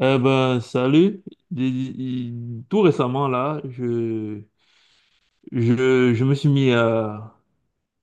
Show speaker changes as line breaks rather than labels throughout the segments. Eh ben, salut. Dé- Tout récemment, là, je me suis mis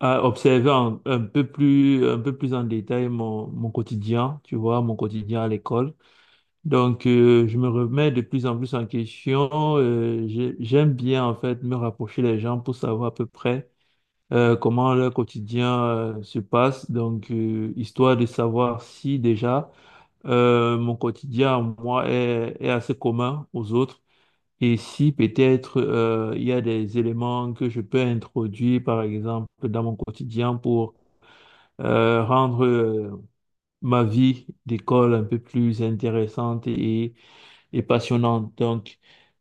à observer un peu plus en détail mon quotidien, tu vois, mon quotidien à l'école. Donc, je me remets de plus en plus en question. J'aime bien, en fait, me rapprocher des gens pour savoir à peu près comment leur quotidien se passe. Donc, histoire de savoir si déjà mon quotidien, moi, est assez commun aux autres. Et si peut-être il y a des éléments que je peux introduire, par exemple, dans mon quotidien pour rendre ma vie d'école un peu plus intéressante et passionnante. Donc,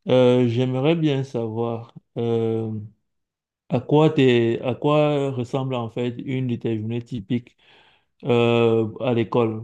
j'aimerais bien savoir à quoi ressemble en fait une de tes journées typiques à l'école.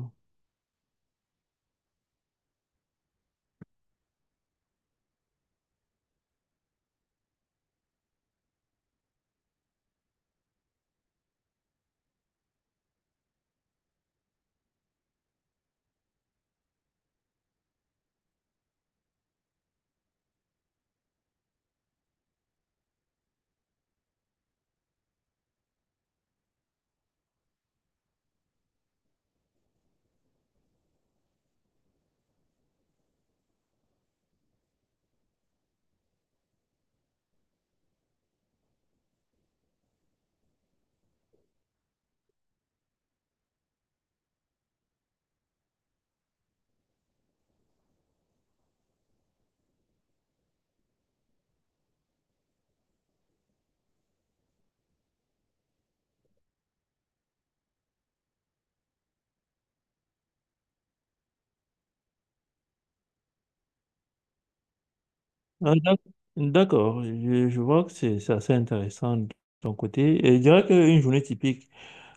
Ah, d'ac- D'accord, je vois que c'est assez intéressant de ton côté. Et je dirais qu'une journée typique.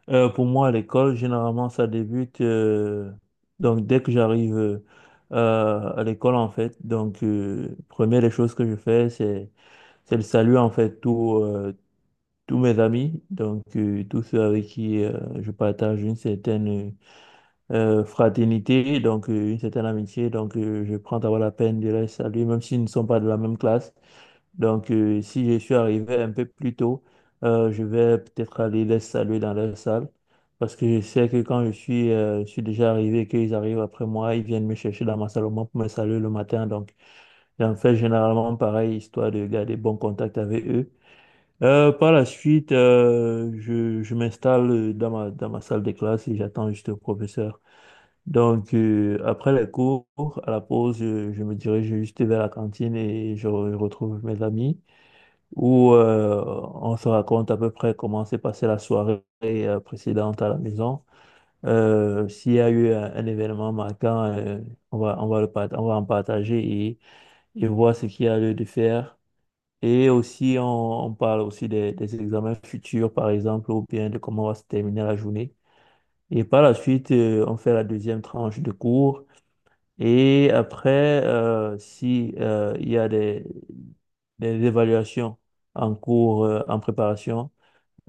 Pour moi, à l'école, généralement, ça débute donc dès que j'arrive à l'école, en fait. Donc, première des choses que je fais, c'est le salut, en fait, tous tous mes amis, donc tous ceux avec qui je partage une certaine fraternité, donc une certaine amitié. Donc, je prends d'abord la peine de les saluer, même s'ils ne sont pas de la même classe. Donc, si je suis arrivé un peu plus tôt, je vais peut-être aller les saluer dans leur salle. Parce que je sais que quand je suis déjà arrivé et qu'ils arrivent après moi, ils viennent me chercher dans ma salle au moins pour me saluer le matin. Donc, j'en fais généralement pareil, histoire de garder bon contact avec eux. Par la suite, je m'installe dans dans ma salle de classe et j'attends juste le professeur. Donc, après les cours, à la pause, je me dirige juste vers la cantine et je retrouve mes amis où on se raconte à peu près comment s'est passée la soirée précédente à la maison. S'il y a eu un événement marquant, on va, on va en partager et, et voir ce qu'il y a lieu de faire. Et aussi, on parle aussi des examens futurs, par exemple, ou bien de comment va se terminer la journée. Et par la suite, on fait la deuxième tranche de cours. Et après, si il y a des évaluations en cours, en préparation,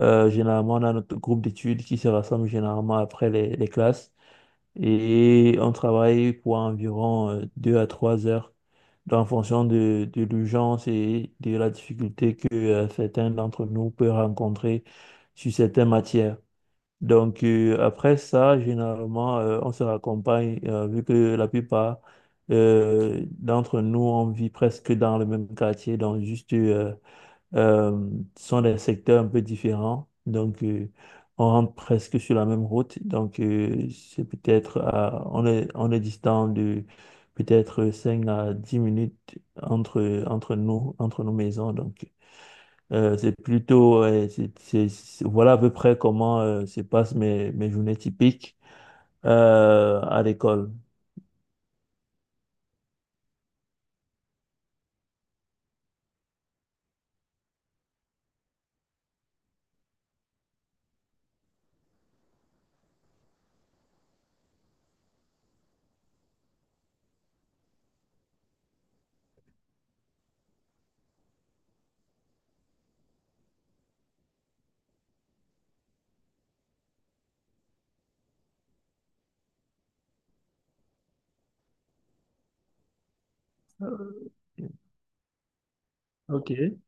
généralement, on a notre groupe d'études qui se rassemble généralement après les classes et on travaille pour environ deux à trois heures. Donc, en fonction de l'urgence et de la difficulté que certains d'entre nous peuvent rencontrer sur certaines matières. Donc, après ça, généralement, on se raccompagne, vu que la plupart d'entre nous, on vit presque dans le même quartier, donc juste, euh, ce sont des secteurs un peu différents. Donc, on rentre presque sur la même route. Donc, c'est peut-être, on est distant de peut-être 5 à 10 minutes entre, entre nous, entre nos maisons. Donc, c'est plutôt, ouais, voilà à peu près comment se passent mes, mes journées typiques à l'école. Ok.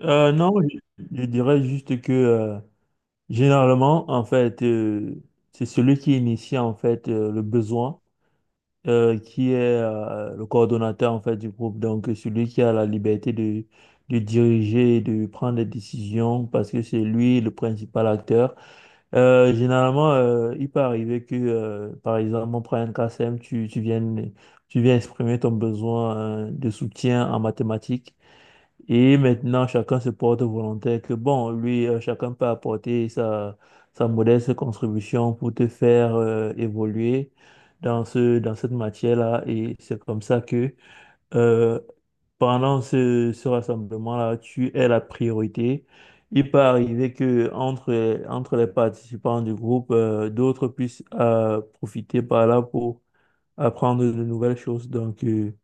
Non, je dirais juste que généralement, en fait, c'est celui qui initie en fait le besoin, qui est le coordonnateur en fait du groupe. Donc, celui qui a la liberté de diriger, et de prendre des décisions, parce que c'est lui le principal acteur. Généralement, il peut arriver que, par exemple, on prend un KCM, tu viennes, tu viens exprimer ton besoin de soutien en mathématiques. Et maintenant, chacun se porte volontaire que, bon, lui, chacun peut apporter sa, sa modeste contribution pour te faire évoluer dans ce, dans cette matière-là. Et c'est comme ça que, euh, pendant ce, ce rassemblement-là, tu es la priorité. Il peut arriver que entre, entre les participants du groupe, d'autres puissent profiter par là pour apprendre de nouvelles choses. Donc,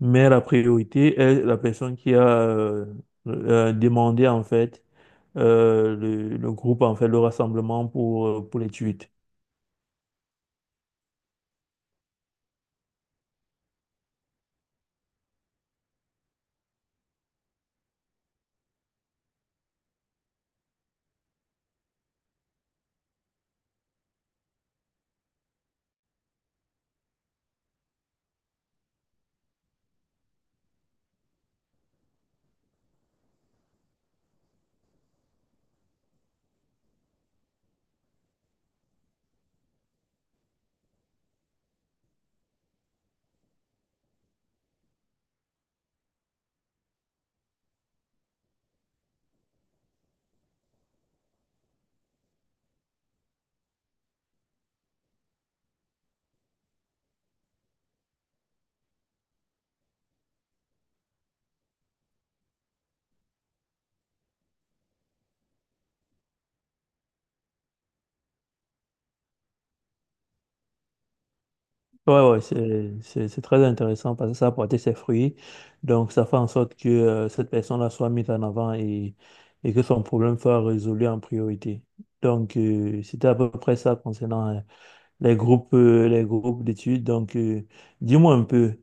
mais la priorité est la personne qui a demandé en fait le groupe, en fait, le rassemblement pour les tweets. Ouais, ouais, c'est très intéressant parce que ça a porté ses fruits. Donc, ça fait en sorte que cette personne-là soit mise en avant et que son problème soit résolu en priorité. Donc, c'était à peu près ça concernant les groupes d'études. Donc, dis-moi un peu,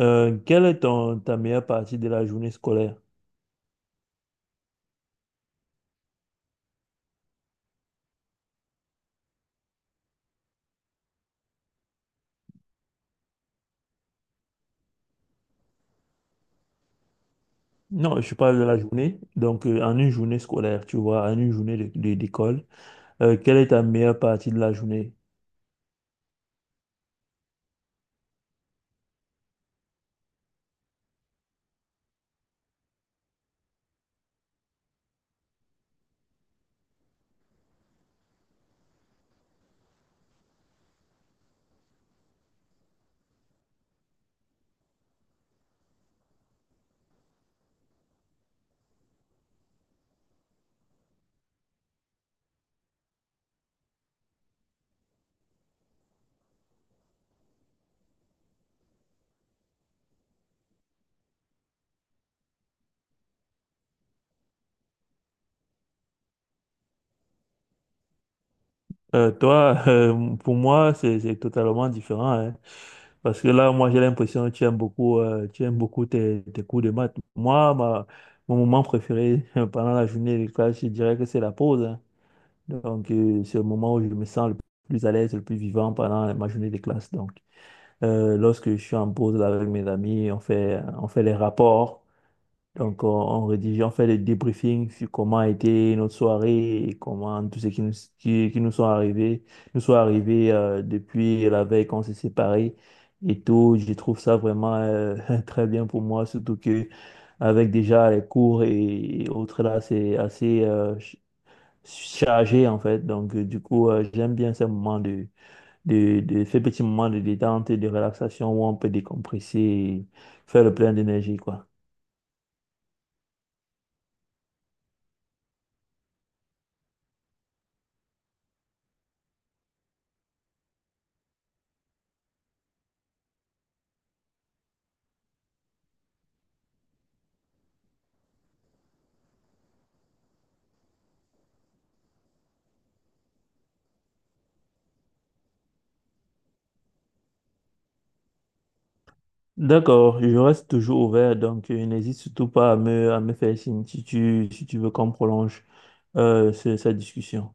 quelle est ton, ta meilleure partie de la journée scolaire? Non, je parle de la journée. Donc, en une journée scolaire, tu vois, en une journée d'école, quelle est ta meilleure partie de la journée? Toi, pour moi, c'est totalement différent, hein. Parce que là, moi, j'ai l'impression que tu aimes beaucoup tes, tes cours de maths. Mon moment préféré pendant la journée de classe, je dirais que c'est la pause, hein. Donc, c'est le moment où je me sens le plus à l'aise, le plus vivant pendant ma journée de classe. Donc, lorsque je suis en pause là, avec mes amis, on fait les rapports. Donc, on rédige, on fait des débriefings sur comment a été notre soirée et comment tout ce qui nous sont arrivés depuis la veille qu'on s'est séparés et tout. Je trouve ça vraiment très bien pour moi, surtout que avec déjà les cours et autres là, c'est assez chargé en fait. Donc, j'aime bien ces moments de, de ces petits moments de détente et de relaxation où on peut décompresser et faire le plein d'énergie, quoi. D'accord, je reste toujours ouvert, donc n'hésite surtout pas à à me faire signe si tu, si tu veux qu'on prolonge cette discussion.